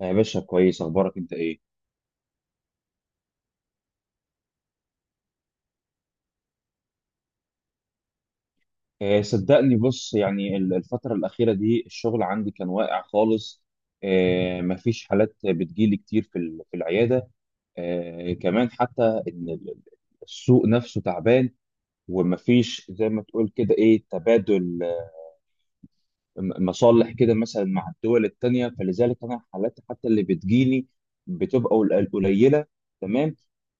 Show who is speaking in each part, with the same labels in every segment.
Speaker 1: يا باشا، كويس. اخبارك انت ايه؟ صدقني، بص يعني الفتره الاخيره دي الشغل عندي كان واقع خالص. مفيش حالات بتجيلي كتير في في العياده. آه، كمان حتى ان ال- السوق نفسه تعبان، ومفيش زي ما تقول كده ايه، تبادل مصالح كده مثلا مع الدول التانية. فلذلك أنا الحالات حتى اللي بتجيلي بتبقى قليلة. تمام.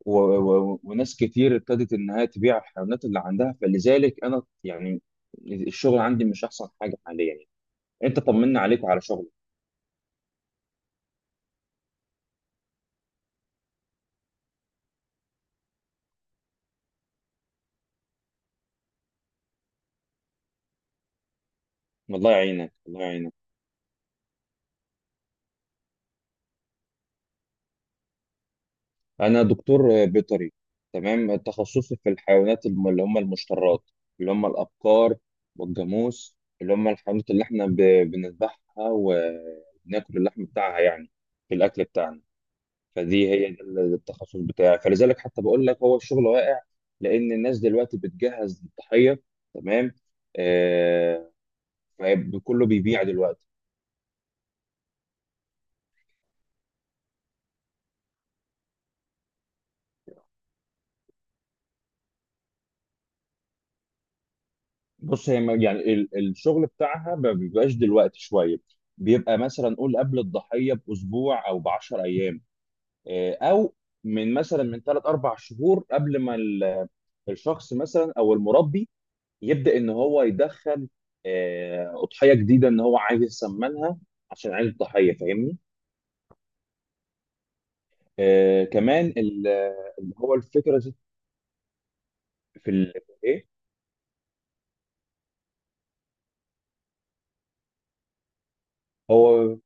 Speaker 1: وناس كتير ابتدت إنها تبيع الحيوانات اللي عندها، فلذلك أنا يعني الشغل عندي مش أحسن حاجة حاليا. أنت طمنا عليك وعلى شغلك. الله يعينك، الله يعينك. انا دكتور بيطري. تمام، تخصصي في الحيوانات اللي هم المشترات، اللي هم الابقار والجاموس، اللي هم الحيوانات اللي احنا بنذبحها وبناكل اللحم بتاعها يعني في الاكل بتاعنا. فدي هي ده التخصص بتاعي، فلذلك حتى بقول لك هو الشغل واقع لان الناس دلوقتي بتجهز للضحيه. تمام. آه. فكله بيبيع دلوقتي. بص هي يعني الشغل بتاعها ما بيبقاش دلوقتي شويه. بيبقى مثلا نقول قبل الضحيه باسبوع او ب 10 ايام. او من مثلا من ثلاث اربع شهور قبل ما الشخص مثلا او المربي يبدا ان هو يدخل اضحيه جديده، ان هو عايز يسمنها عشان عيد الضحيه. فاهمني؟ آه، كمان ال- اللي هو الفكره في ايه، هو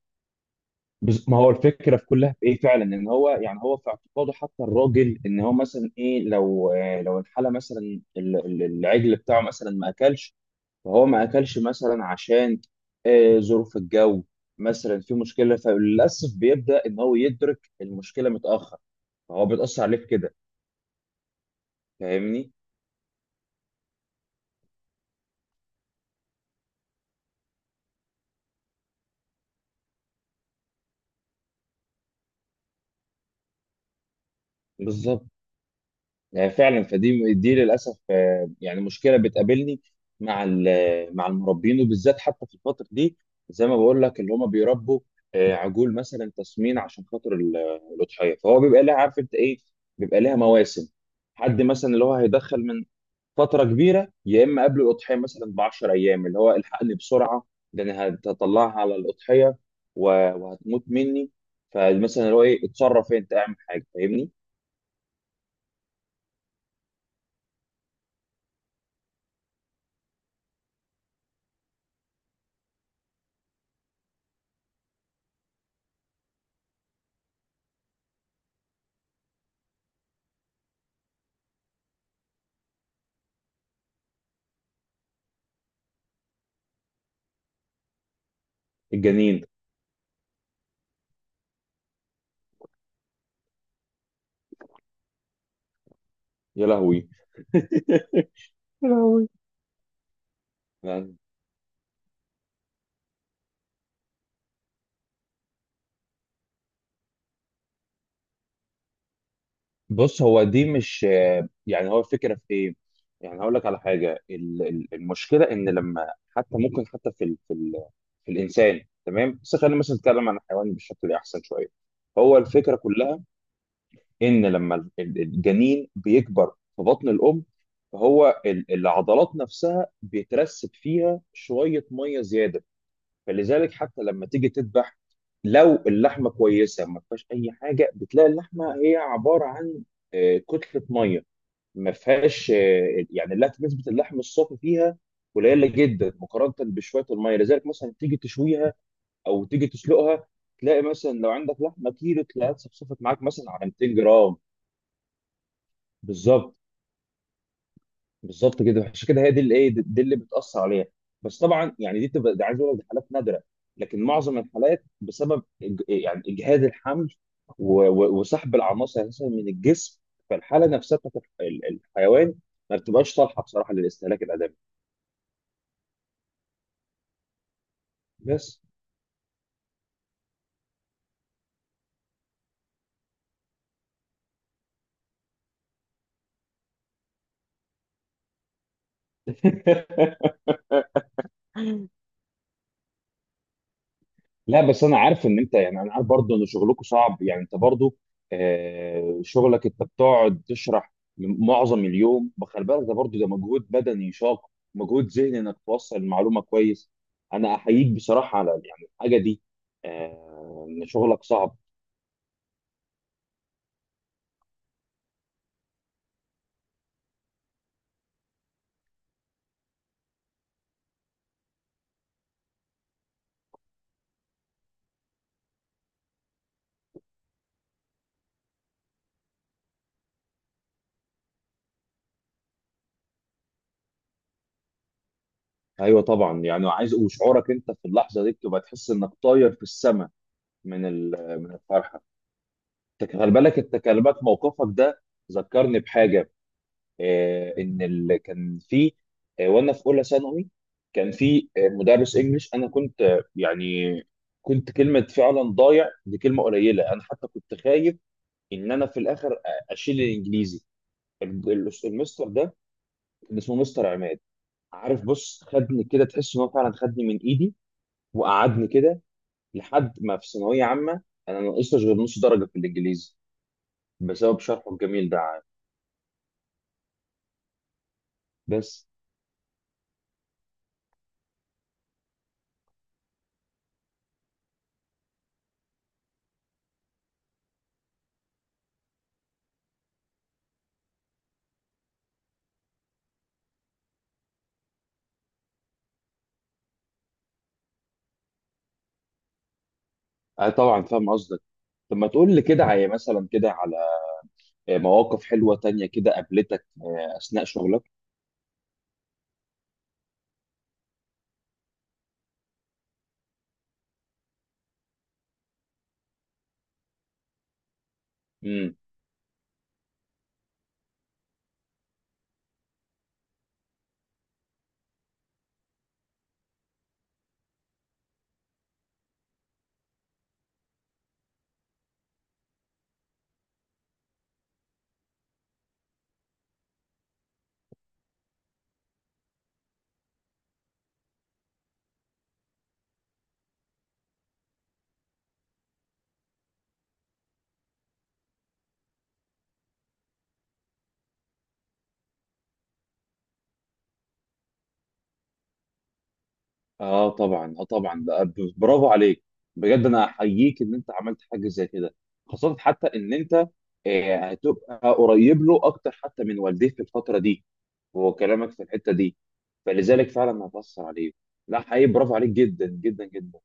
Speaker 1: ما هو الفكره في كلها في ايه فعلا، ان هو يعني هو في اعتقاده حتى الراجل ان هو مثلا ايه، لو لو الحاله مثلا العجل بتاعه مثلا ما اكلش. فهو ما اكلش مثلا عشان ظروف الجو مثلا، في مشكله. فللاسف بيبدا ان هو يدرك المشكله متاخر، فهو بيتاثر عليه في كده. فاهمني؟ بالظبط. فعلا. فدي دي للاسف يعني مشكله بتقابلني مع مع المربين، وبالذات حتى في الفتره دي، زي ما بقول لك اللي هم بيربوا عجول مثلا تسمين عشان خاطر الاضحيه. فهو بيبقى لها، عارف انت ايه، بيبقى لها مواسم. حد مثلا اللي هو هيدخل من فتره كبيره، يا اما قبل الاضحيه مثلا ب 10 ايام اللي هو الحقني بسرعه، ده انا هطلعها على الاضحيه و- وهتموت مني. فمثلا اللي هو ايه، اتصرف انت، اعمل حاجه. فاهمني؟ الجنين. يا لهوي. بص، هو دي مش يعني، هو الفكره في ايه؟ يعني هقول لك على حاجه، المشكله ان لما حتى ممكن حتى في الانسان، تمام، بس خلينا مثلا نتكلم عن الحيوان بشكل احسن شويه. هو الفكره كلها ان لما الجنين بيكبر في بطن الام، فهو العضلات نفسها بيترسب فيها شويه ميه زياده. فلذلك حتى لما تيجي تذبح، لو اللحمه كويسه ما فيهاش اي حاجه، بتلاقي اللحمه هي عباره عن كتله ميه. ما فيهاش يعني، لا نسبه اللحم الصافي فيها قليله جدا مقارنه بشويه الميه. لذلك مثلا تيجي تشويها او تيجي تسلقها، تلاقي مثلا لو عندك لحمه كيلو تلاقيها صفصفت معاك مثلا على 200 جرام. بالظبط، بالظبط كده، عشان كده هي دي اللي ايه، دي اللي بتاثر عليها. بس طبعا يعني دي بتبقى، دي عايز اقول لك دي حالات نادره. لكن معظم الحالات بسبب يعني اجهاد الحمل وسحب العناصر اساسا من الجسم، فالحاله نفسها بتاعت الحيوان ما بتبقاش صالحه بصراحه للاستهلاك الادمي. بس لا بس انا عارف ان انت يعني، انا عارف برضه ان شغلكم صعب، يعني انت برضه شغلك انت بتقعد تشرح معظم اليوم، بخلي بالك ده برضه ده مجهود بدني شاق، مجهود ذهني انك توصل المعلومه كويس. انا احييك بصراحه على يعني الحاجه دي، ان شغلك صعب. ايوه طبعا، يعني عايز، وشعورك انت في اللحظه دي بتبقى تحس انك طاير في السماء من من الفرحه. انت خلي بالك، انت كلمات موقفك ده ذكرني بحاجه. كان في، وانا في اولى ثانوي، كان في مدرس انجليش. انا كنت يعني كنت، كلمه فعلا ضايع دي كلمه قليله. انا حتى كنت خايف ان انا في الاخر اشيل الانجليزي. المستر ده كان اسمه مستر عماد. عارف، بص، خدني كده تحس ان هو فعلا خدني من ايدي وقعدني كده، لحد ما في ثانويه عامه انا ما نقصتش غير نص درجه في الانجليزي بسبب شرحه الجميل ده. بس طبعا فاهم قصدك. طب ما تقول لي كده على، مثلا كده مواقف حلوة تانية كده قابلتك أثناء شغلك؟ امم. اه طبعا، اه طبعا. ده برافو عليك. بجد انا احييك ان انت عملت حاجة زي كده، خاصة حتى ان انت هتبقى قريب له اكتر حتى من والديه في الفترة دي، وهو كلامك في الحتة دي فلذلك فعلا هتأثر عليه. لا حقيقي برافو عليك جدا جدا جدا.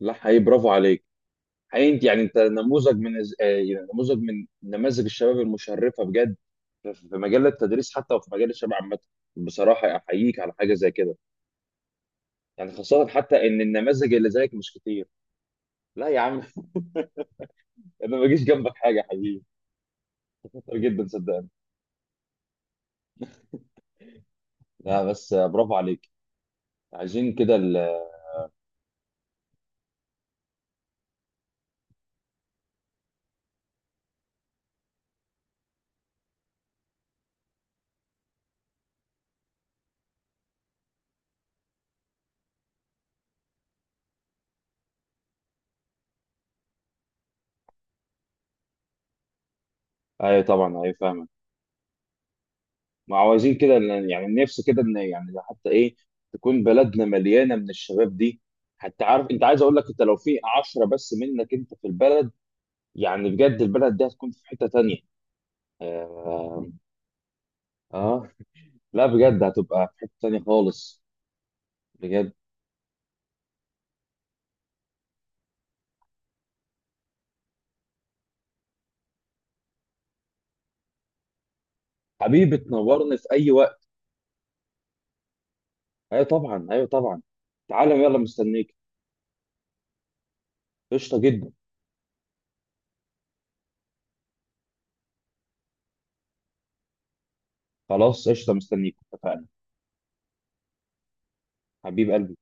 Speaker 1: لا حقيقي برافو عليك. حقيقي انت يعني، انت نموذج من يعني نموذج من نماذج الشباب المشرفه بجد، في في مجال التدريس حتى وفي مجال الشباب عامه. بصراحه احييك على حاجه زي كده، يعني خاصه حتى ان النماذج اللي زيك مش كتير. لا يا عم انا ما بجيش جنبك حاجه يا حبيبي، شاطر جدا صدقني. لا بس برافو عليك. عايزين كده ايوه طبعا، ايوه فاهمك. ما هو عايزين كده يعني نفسي كده ان، يعني حتى ايه، تكون بلدنا مليانه من الشباب دي. حتى عارف انت، عايز اقول لك انت لو في 10 بس منك انت في البلد، يعني بجد البلد دي هتكون في حتة تانية. آه، آه. لا بجد هتبقى في حتة تانية خالص، بجد. حبيبي تنورني في أي وقت. أيوة طبعا، أيوة طبعا. تعالى يلا مستنيك. قشطة جدا. خلاص، قشطة، مستنيك، اتفقنا. حبيب قلبي.